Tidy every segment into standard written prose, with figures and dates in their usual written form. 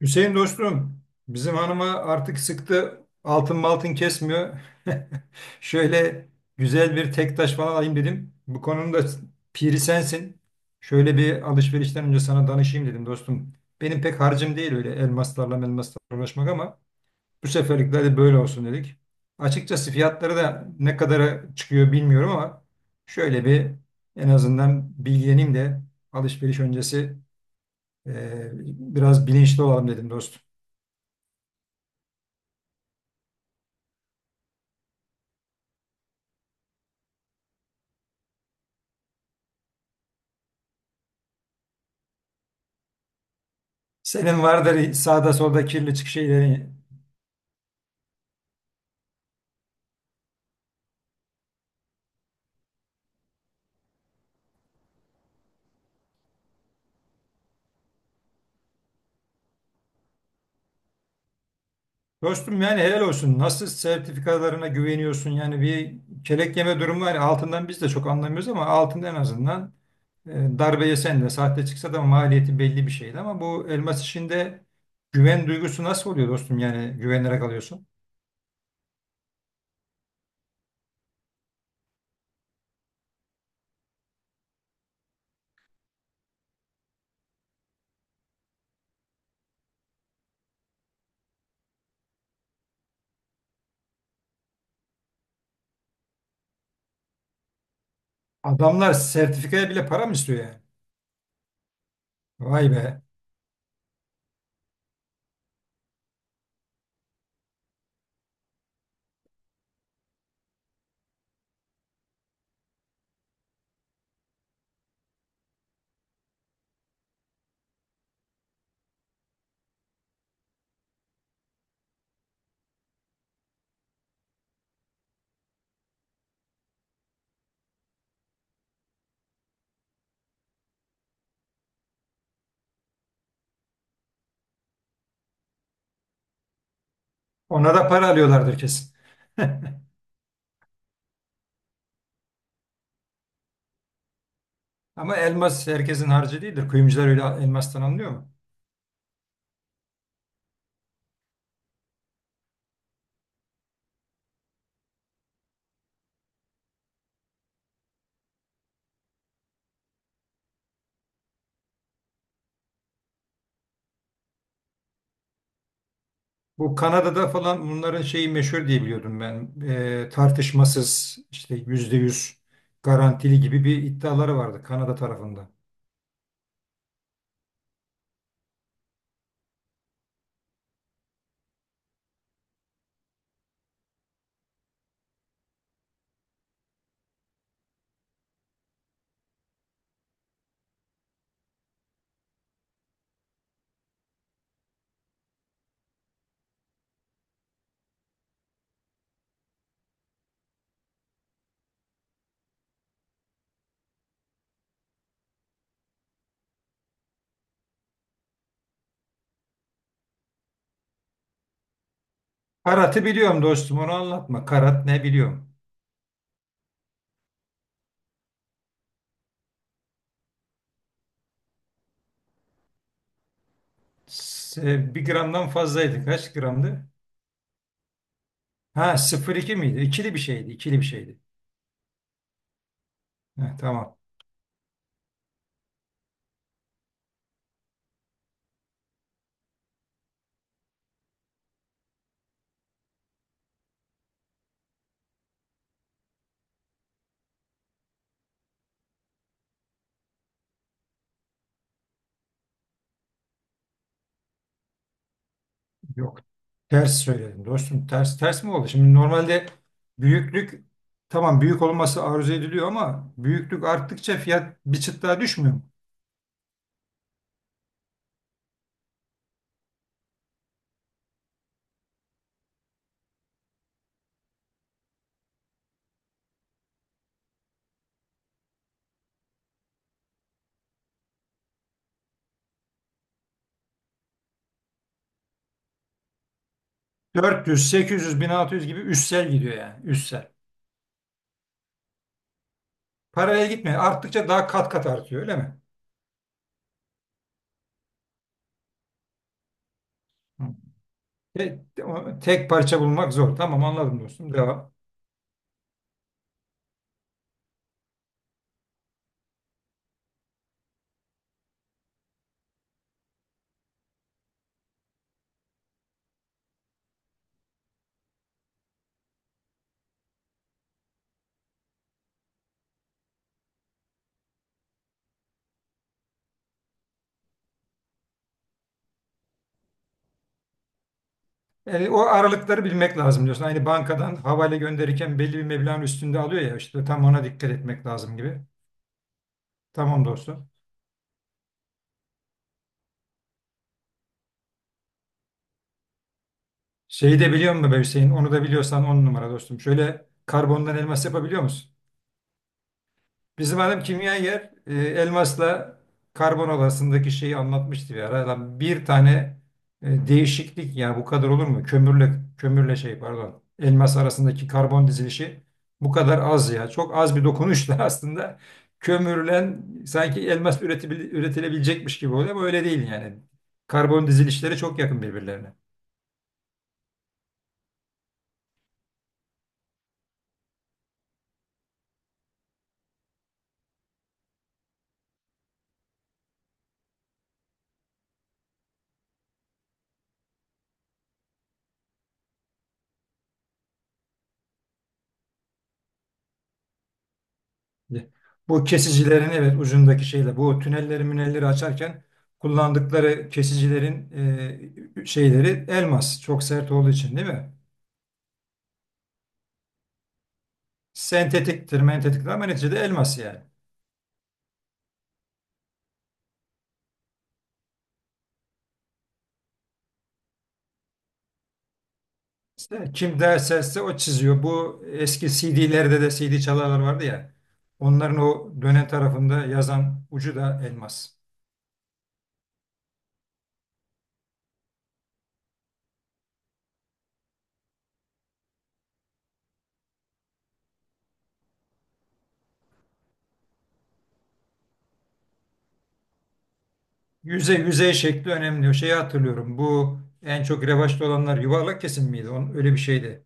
Hüseyin dostum, bizim hanıma artık sıktı altın maltın kesmiyor. Şöyle güzel bir tek taş falan alayım dedim. Bu konunun da piri sensin. Şöyle bir alışverişten önce sana danışayım dedim dostum. Benim pek harcım değil öyle elmaslarla uğraşmak, ama bu seferlik de hadi böyle olsun dedik. Açıkçası fiyatları da ne kadara çıkıyor bilmiyorum ama şöyle bir en azından bilgileneyim de alışveriş öncesi eee, biraz bilinçli olalım dedim dostum. Senin vardır sağda solda kirli çık şeyleri. Dostum yani helal olsun. Nasıl sertifikalarına güveniyorsun? Yani bir kelek yeme durumu var. Altından biz de çok anlamıyoruz ama altında en azından e, darbe yesen de sahte çıksa da maliyeti belli bir şeydi. Ama bu elmas işinde güven duygusu nasıl oluyor dostum? Yani güvenerek alıyorsun. Adamlar sertifikaya bile para mı istiyor yani? Vay be. Ona da para alıyorlardır kesin. Ama elmas herkesin harcı değildir. Kuyumcular öyle elmastan anlıyor mu? Bu Kanada'da falan bunların şeyi meşhur diye biliyordum ben. Tartışmasız işte %100 garantili gibi bir iddiaları vardı Kanada tarafında. Karat'ı biliyorum dostum, onu anlatma. Karat ne biliyorum. 1 gramdan fazlaydı. Kaç gramdı? Ha, 0,2 miydi? İkili bir şeydi. İkili bir şeydi. Ha, tamam. Yok. Ters söyledim dostum. Ters ters mi oldu? Şimdi normalde büyüklük, tamam büyük olması arzu ediliyor ama büyüklük arttıkça fiyat bir çıt daha düşmüyor mu? 400, 800, 1600 gibi üstsel gidiyor yani. Üstsel. Paralel gitmiyor. Arttıkça daha kat kat artıyor öyle mi? Hı. Tek, parça bulmak zor. Tamam anladım dostum. Devam. O aralıkları bilmek lazım diyorsun. Aynı bankadan havale gönderirken belli bir meblağın üstünde alıyor ya, işte tam ona dikkat etmek lazım gibi. Tamam dostum. Şeyi de biliyor musun be Hüseyin? Onu da biliyorsan on numara dostum. Şöyle karbondan elmas yapabiliyor musun? Bizim adam kimyager, elmasla karbon odasındaki şeyi anlatmıştı bir ara. Lan bir tane değişiklik yani bu kadar olur mu? Kömürle şey pardon, elmas arasındaki karbon dizilişi bu kadar az ya. Çok az bir dokunuşla aslında kömürlen sanki elmas üretilebilecekmiş gibi oluyor ama öyle değil yani. Karbon dizilişleri çok yakın birbirlerine. Bu kesicilerin, evet, ucundaki şeyle bu tünelleri münelleri açarken kullandıkları kesicilerin şeyleri elmas. Çok sert olduğu için değil mi? Sentetiktir, mentetiktir ama neticede elmas yani. İşte kim derse o çiziyor. Bu eski CD'lerde de CD çalarlar vardı ya. Onların o dönen tarafında yazan ucu da elmas. Yüzey, şekli önemli. O şeyi hatırlıyorum. Bu en çok revaçta olanlar yuvarlak kesim miydi? Onun, öyle bir şeydi.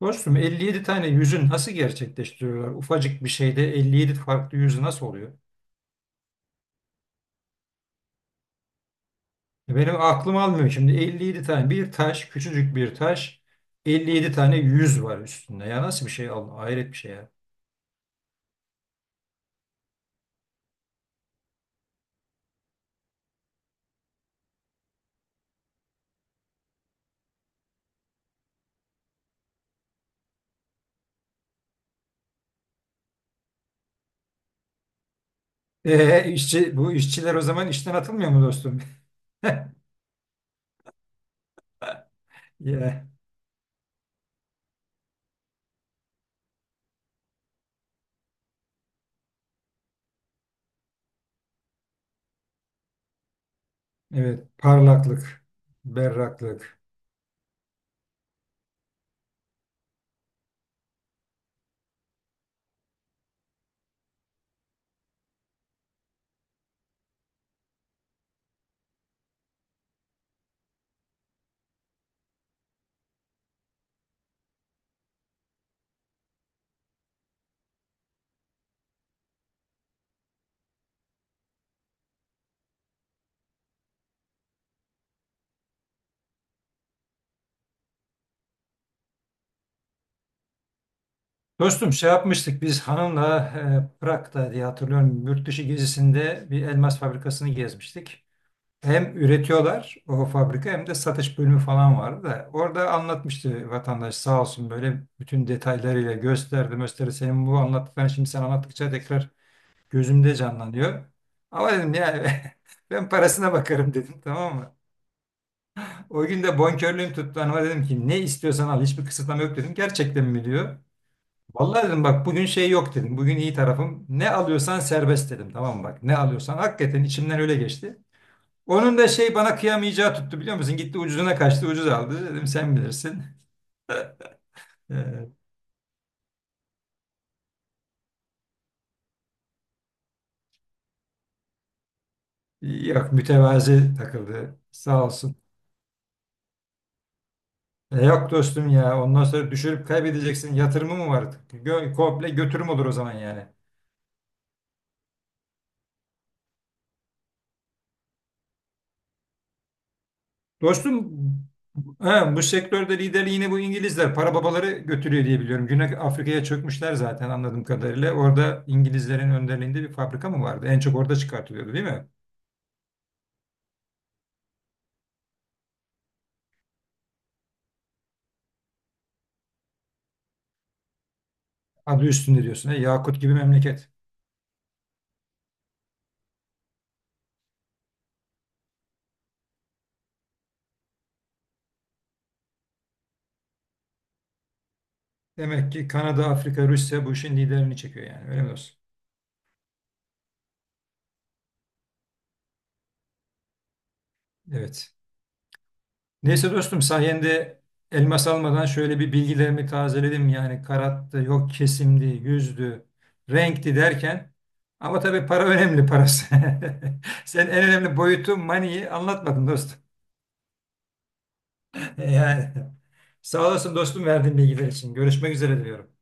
Dostum, 57 tane yüzü nasıl gerçekleştiriyorlar? Ufacık bir şeyde 57 farklı yüzü nasıl oluyor? Benim aklım almıyor şimdi, 57 tane bir taş, küçücük bir taş, 57 tane yüz var üstünde. Ya, nasıl bir şey Allah, hayret bir şey ya. İşçi, bu işçiler o zaman işten atılmıyor mu dostum? Ya, evet, parlaklık, berraklık. Dostum, şey yapmıştık biz hanımla, Prag'da diye hatırlıyorum, yurt dışı gezisinde bir elmas fabrikasını gezmiştik. Hem üretiyorlar o fabrika hem de satış bölümü falan vardı da orada anlatmıştı vatandaş, sağ olsun, böyle bütün detaylarıyla gösterdi gösterdi, senin bu anlattıkların şimdi sen anlattıkça tekrar gözümde canlanıyor. Ama dedim ya, ben parasına bakarım dedim, tamam mı? O gün de bonkörlüğüm tuttu, hanıma dedim ki ne istiyorsan al, hiçbir kısıtlama yok dedim. Gerçekten mi diyor. Vallahi dedim, bak bugün şey yok dedim. Bugün iyi tarafım. Ne alıyorsan serbest dedim. Tamam mı? Bak ne alıyorsan, hakikaten içimden öyle geçti. Onun da şey, bana kıyamayacağı tuttu biliyor musun? Gitti ucuzuna kaçtı, ucuz aldı. Dedim sen bilirsin. Ee, Yok, mütevazi takıldı. Sağ olsun. Yok dostum ya, ondan sonra düşürüp kaybedeceksin. Yatırımı mı var? Komple götürüm olur o zaman yani. Dostum, he, bu sektörde liderliğini bu İngilizler para babaları götürüyor diye biliyorum. Güney Afrika'ya çökmüşler zaten anladığım kadarıyla. Orada İngilizlerin önderliğinde bir fabrika mı vardı? En çok orada çıkartılıyordu değil mi? Adı üstünde diyorsun. He, Yakut gibi memleket. Demek ki Kanada, Afrika, Rusya bu işin liderini çekiyor yani. Öyle mi dostum? Evet. Neyse dostum, sayende elmas almadan şöyle bir bilgilerimi tazeledim. Yani karattı, yok kesimdi, yüzdü, renkti derken. Ama tabii para önemli, parası. Sen en önemli boyutu money'i anlatmadın dostum. Yani sağ olasın dostum verdiğin bilgiler için. Görüşmek üzere diyorum.